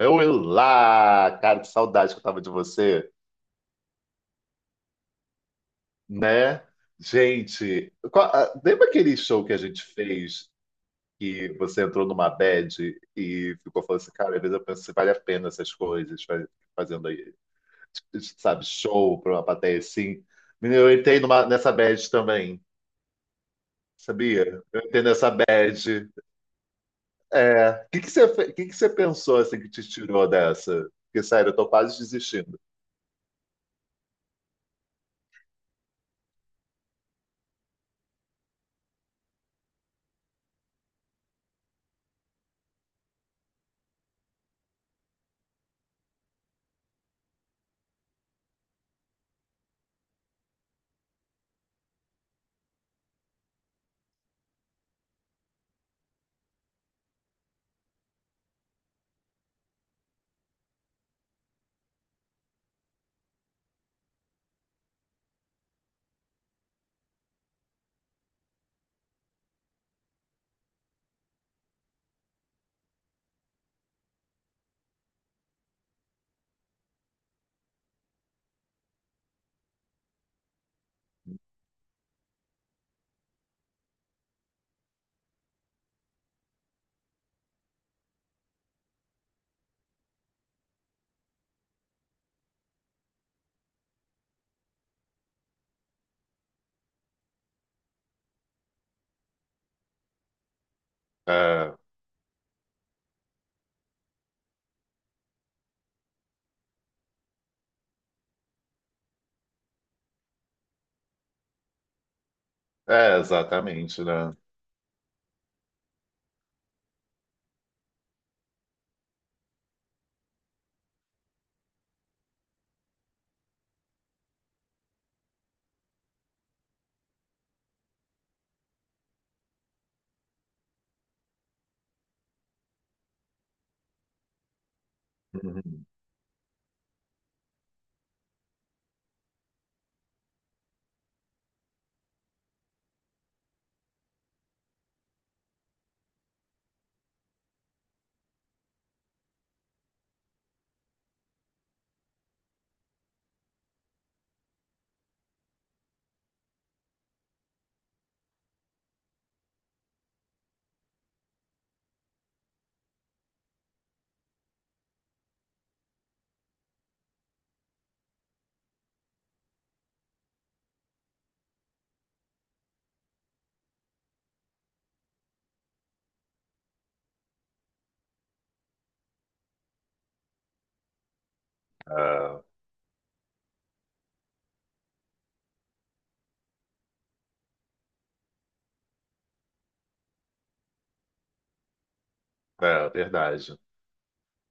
Olá, cara, que saudade que eu tava de você, né? Gente, ah, lembra aquele show que a gente fez que você entrou numa bad e ficou falando assim, cara, às vezes eu penso se vale a pena essas coisas, fazendo aí, sabe, show pra uma plateia assim. Menino, eu entrei numa, nessa bad também, sabia? Eu entrei nessa bad. É, o que que você, fe- que você pensou assim que te tirou dessa? Porque, sério, eu tô quase desistindo. É, é exatamente, né? Uhum. É, é verdade.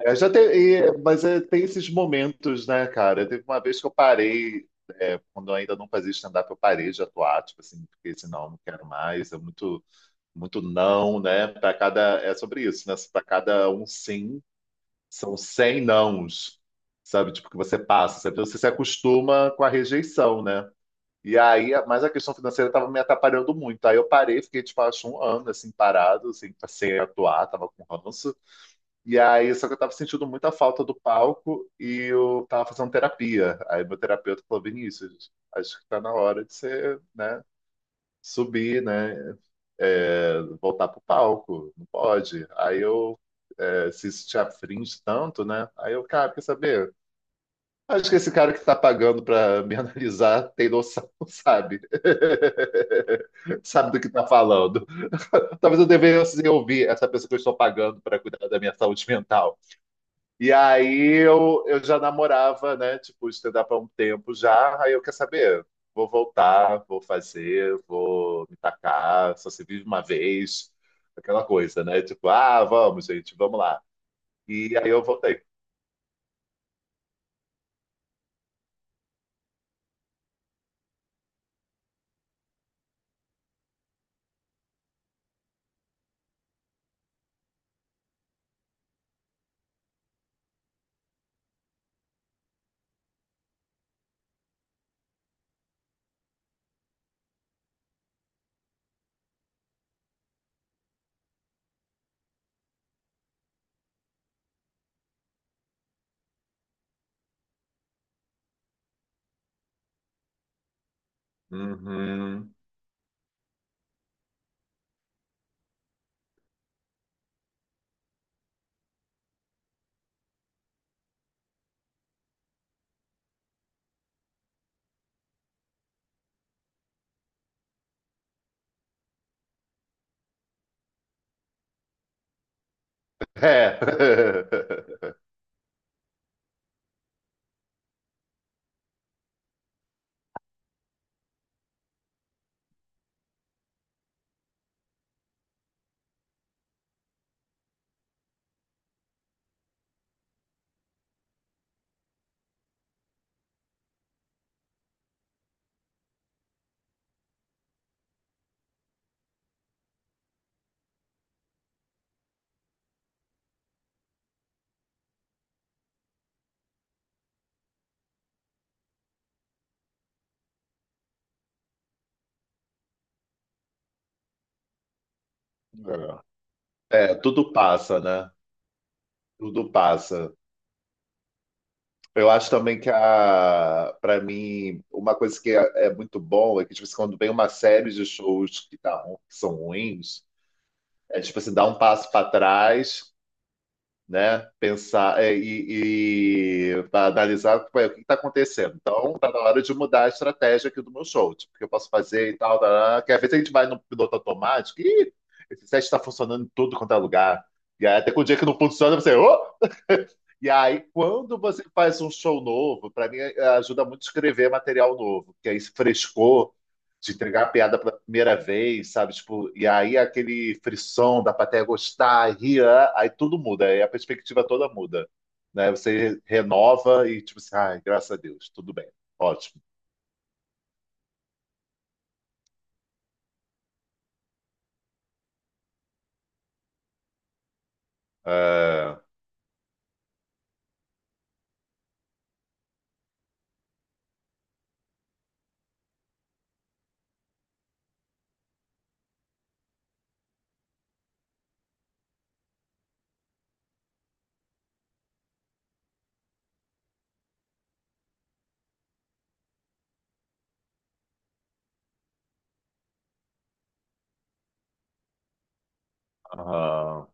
É, já tem, mas é, tem esses momentos, né, cara? Teve uma vez que eu parei, é, quando eu ainda não fazia stand-up, eu parei de atuar, tipo assim, fiquei assim, não, não quero mais, é muito, muito não, né? Para cada, é sobre isso, né? Para cada um sim, são 100 nãos, sabe? Tipo, que você passa, sabe? Então, você se acostuma com a rejeição, né? E aí, mas a questão financeira estava me atrapalhando muito. Aí eu parei, fiquei, tipo, acho um ano, assim, parado, assim, sem atuar, tava com ranço. E aí, só que eu tava sentindo muita falta do palco e eu tava fazendo terapia. Aí meu terapeuta falou, Vinícius, acho que tá na hora de você, né, subir, né, voltar pro palco, não pode. Aí eu, se isso te afringe tanto, né, aí eu, cara, quer saber? Acho que esse cara que tá pagando pra me analisar tem noção, sabe? Sabe do que tá falando. Talvez eu devesse ouvir essa pessoa que eu estou pagando pra cuidar da minha saúde mental. E aí eu já namorava, né? Tipo, stand-up há um tempo já. Aí eu quer saber, vou voltar, vou fazer, vou me tacar, só se vive uma vez, aquela coisa, né? Tipo, ah, vamos, gente, vamos lá. E aí eu voltei. Uhum. É. É, tudo passa, né? Tudo passa. Eu acho também que a, para mim, uma coisa que é, é muito bom é que tipo, assim, quando vem uma série de shows que são ruins, é tipo assim, dar um passo para trás, né? Pensar é, e analisar ué, o que está acontecendo. Então, tá na hora de mudar a estratégia aqui do meu show, tipo, o que eu posso fazer e tal, tal, tal. Que às vezes a gente vai no piloto automático e esse set está funcionando em tudo quanto é lugar. E aí, até com o dia que não funciona, você. "Ô!" E aí, quando você faz um show novo, para mim é, ajuda muito a escrever material novo, que aí esse frescor de entregar a piada pela primeira vez, sabe? Tipo, e aí aquele frisson da plateia gostar, rir, ah, aí tudo muda, aí a perspectiva toda muda, né? Você renova e tipo assim, ai, graças a Deus, tudo bem, ótimo. É, aham,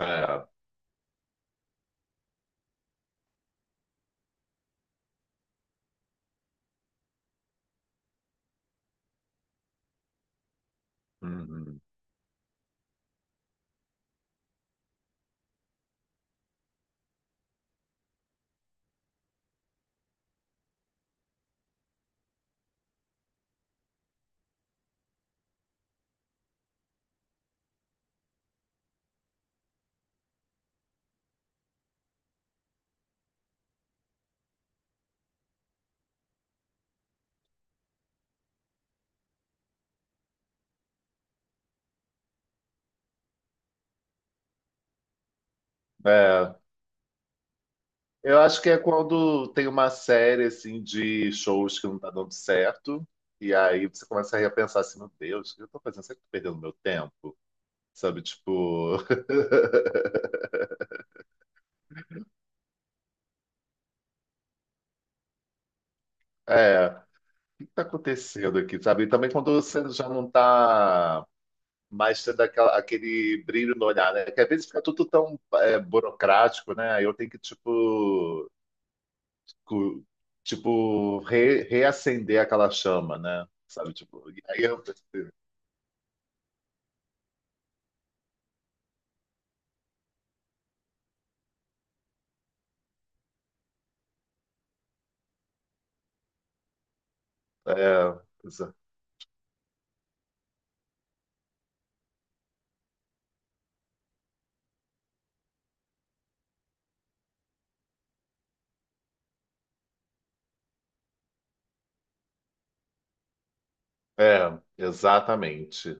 é, uhum. É, eu acho que é quando tem uma série assim de shows que não tá dando certo, e aí você começa a repensar assim, meu Deus, o que eu tô fazendo? Será que eu tô perdendo meu tempo? Sabe, tipo, é. Que está acontecendo aqui, sabe? E também quando você já não está mais tendo aquele brilho no olhar, né? Que às vezes fica tudo tão burocrático, né? Aí eu tenho que, tipo, cu- tipo reacender aquela chama, né? Sabe? Tipo, e aí eu percebo. É, exa- é, exatamente.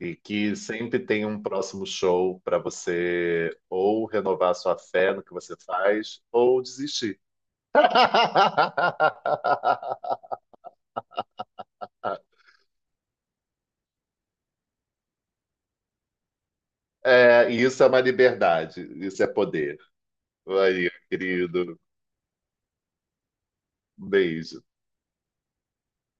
E que sempre tem um próximo show para você ou renovar sua fé no que você faz ou desistir. É, isso é uma liberdade, isso é poder. Maria, querido, um beijo.